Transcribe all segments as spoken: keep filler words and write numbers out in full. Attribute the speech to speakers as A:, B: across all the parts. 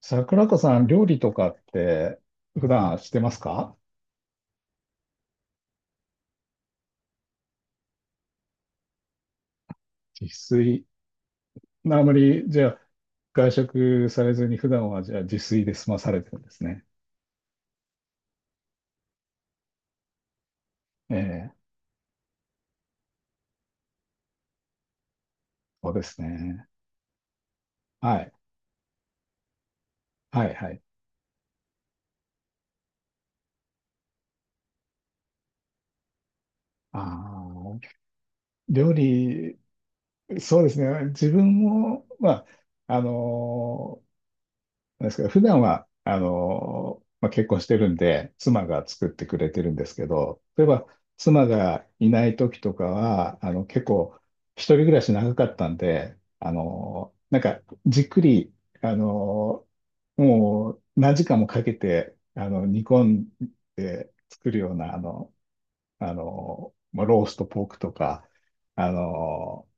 A: 桜子さん、料理とかって普段してますか？自炊。あまり、じゃあ、外食されずに普段はじゃあ自炊で済まされてるんですね。ええ、そうですね。はい。はい、はい。ああ、料理、そうですね。自分も、まあ、あのーですけど、普段は、あの、まあ、結婚してるんで、妻が作ってくれてるんですけど、例えば、妻がいない時とかは、あの、結構、一人暮らし長かったんで、あの、なんか、じっくり、あの、もう、何時間もかけて、あの、煮込んで作るような、あの、あの、まあ、ローストポークとか、あの、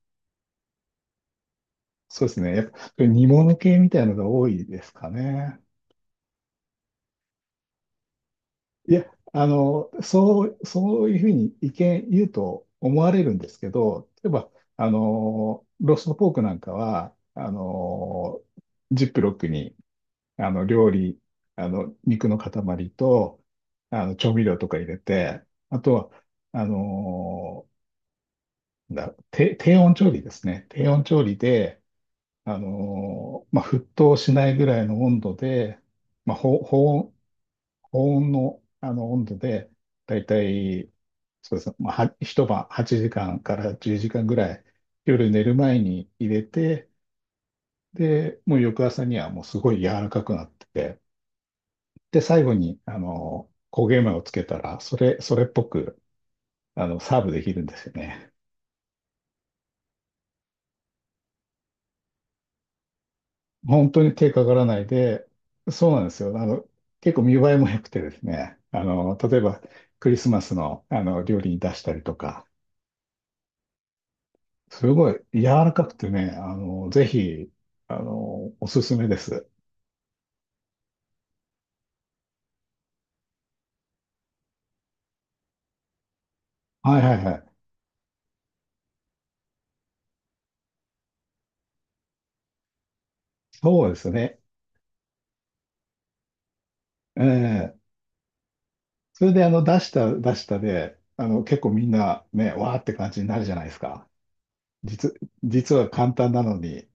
A: そうですね。やっぱ、煮物系みたいなのが多いですかね。いや、あの、そう、そういうふうに意見言うと思われるんですけど、例えば、あの、ローストポークなんかは、あの、ジップロックに、あの、料理、あの、肉の塊と、あの、調味料とか入れて、あとは、あの、だ、低低温調理ですね。低温調理で、あの、まあ、沸騰しないぐらいの温度で、まあ、保、保温高温の、あの温度で、だいたい、そうですね、まあ、は一晩はちじかんかんからじゅうじかんぐらい、夜寝る前に入れて、で、もう翌朝にはもうすごい柔らかくなってて、で、最後に、あの、焦げ目をつけたら、それ、それっぽく、あの、サーブできるんですよね。本当に手かからないで、そうなんですよ。あの、結構見栄えも良くてですね、あの、例えば、クリスマスの、あの料理に出したりとか、すごい柔らかくてね、あの、ぜひ、あの、おすすめです。はいはいはい。そうですね。ええそれで、あの、出した、出したで、あの、結構みんなね、わーって感じになるじゃないですか。実、実は簡単なのに。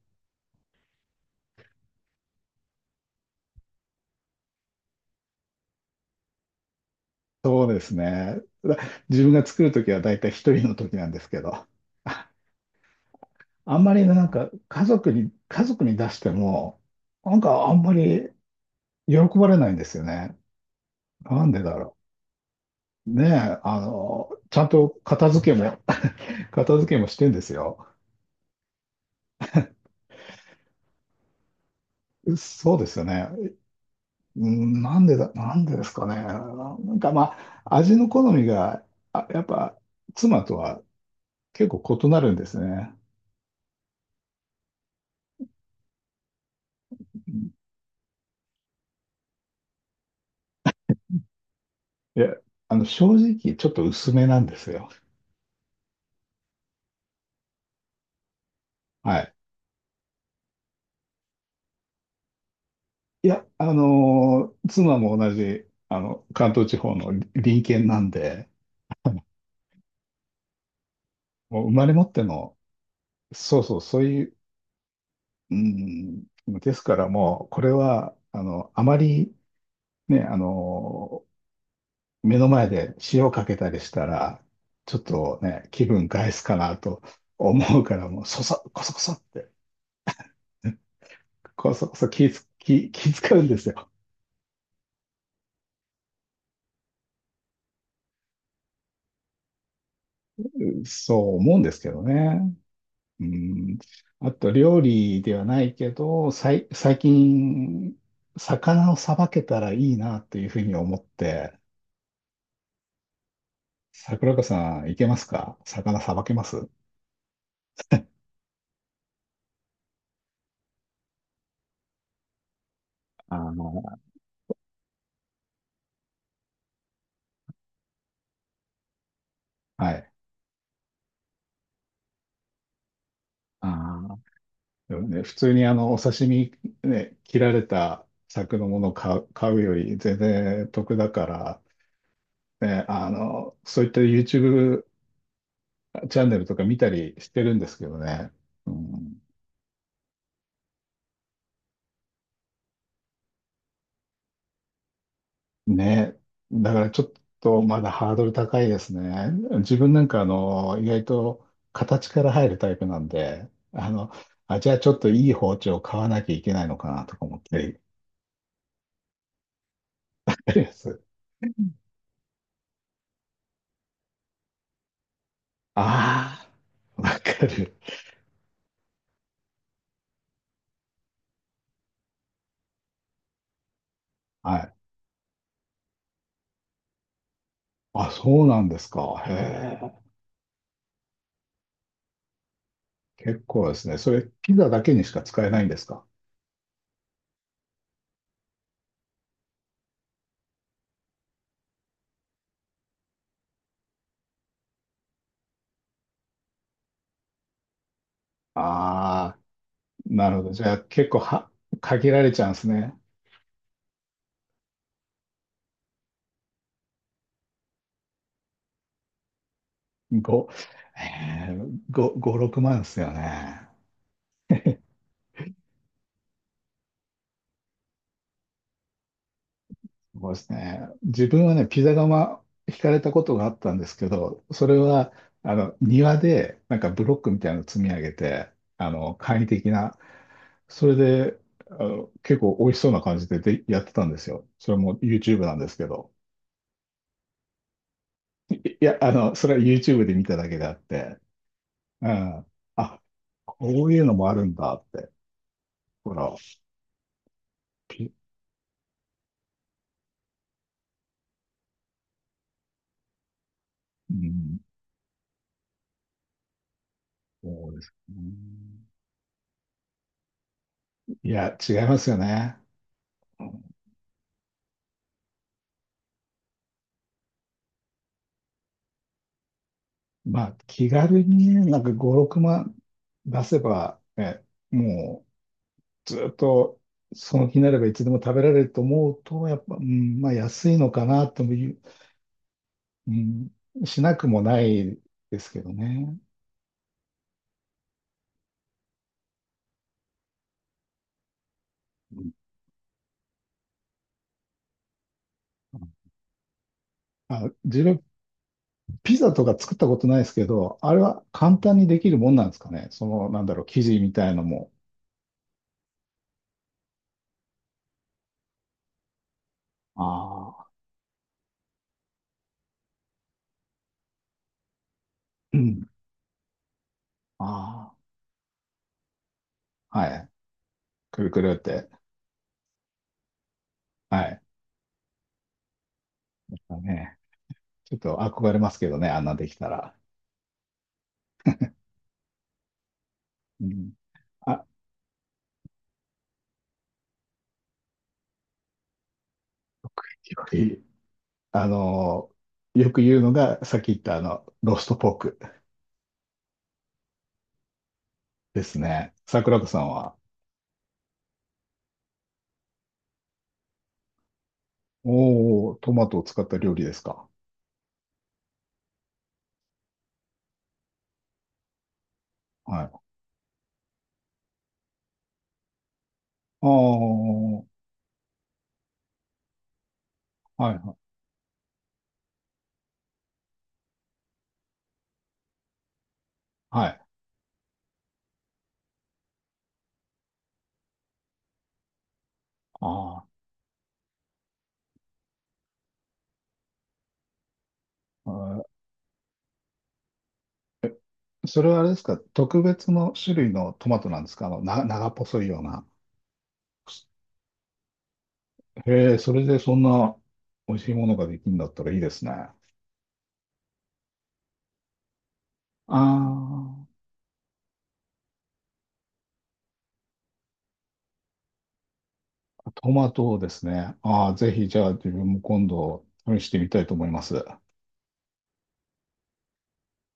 A: そうですね。だ自分が作るときはだいたい一人のときなんですけど。ああんまりねなんか、家族に、家族に出しても、なんかあんまり喜ばれないんですよね。なんでだろう。ねえ、あの、ちゃんと片付けも、片付けもしてんですよ。そうですよね。うん、なんでだ、なんでですかね。なんかまあ、味の好みが、あ、やっぱ、妻とは結構異なるんですね。いや、あの、正直、ちょっと薄めなんですよ。はい。いや、あのー妻も同じ、あの、関東地方の隣県なんで、もう生まれ持っての、そうそう、そういううん、ですからもう、これは、あの、あまりね、あの、目の前で塩かけたりしたら、ちょっとね、気分害すかなと思うから、もう、そそ、こそこそって、こそこそ気つ、気、気使うんですよ。そう思うんですけどね。うん。あと、料理ではないけど、さい、最近、魚をさばけたらいいなというふうに思って、桜子さん、いけますか？魚さばけます？あの、はい。ああ、でもね、普通にあの、お刺身ね、切られた柵のものを買う、買うより全然得だから、ね、あの、そういった YouTube チャンネルとか見たりしてるんですけどね。うん、ね、だからちょっとまだハードル高いですね。自分なんかあの、意外と形から入るタイプなんで、あの、あ、じゃあちょっといい包丁を買わなきゃいけないのかなとか思って。ああ、わかる。はい。あ、そうなんですか。へえ。結構ですね。それ、ピザだけにしか使えないんですか？ああ、なるほど。じゃあ、結構は、限られちゃうんですね。5、えー、5、ご、ろくまんですよね。そうですね。自分はね、ピザ窯引かれたことがあったんですけど、それは、あの、庭で、なんかブロックみたいなの積み上げて、あの、簡易的な、それで、あの、結構美味しそうな感じで、で、やってたんですよ。それも YouTube なんですけど。いいや、あの、それは YouTube で見ただけであって、うん。あ、こういうのもあるんだって。ほら、ピ、うん、そうですね。いや、違いますよね。まあ、気軽にね、なんかご、ろくまん出せば、ね、もうずっとその気になればいつでも食べられると思うと、やっぱ、うん、まあ安いのかなともいう、うん、しなくもないですけどね。うんあ、自分、ピザとか作ったことないですけど、あれは簡単にできるもんなんですかね。その、なんだろう、生地みたいのも。ああ、うん、ああ、はい。くるくるって。はい。だね、ちょっと憧れますけどね、あんなできたら。うんあ、いあの、よく言うのが、さっき言ったあの、ロストポークですね。桜子さんは、おー、トマトを使った料理ですか。はい。あー、はい、はい。あー、あーそれはあれですか、特別の種類のトマトなんですか？あの、な、長細いような。へえ、それでそんな美味しいものができるんだったらいいですね。ああ、トマトですね。ああ、ぜひじゃあ自分も今度試してみたいと思います。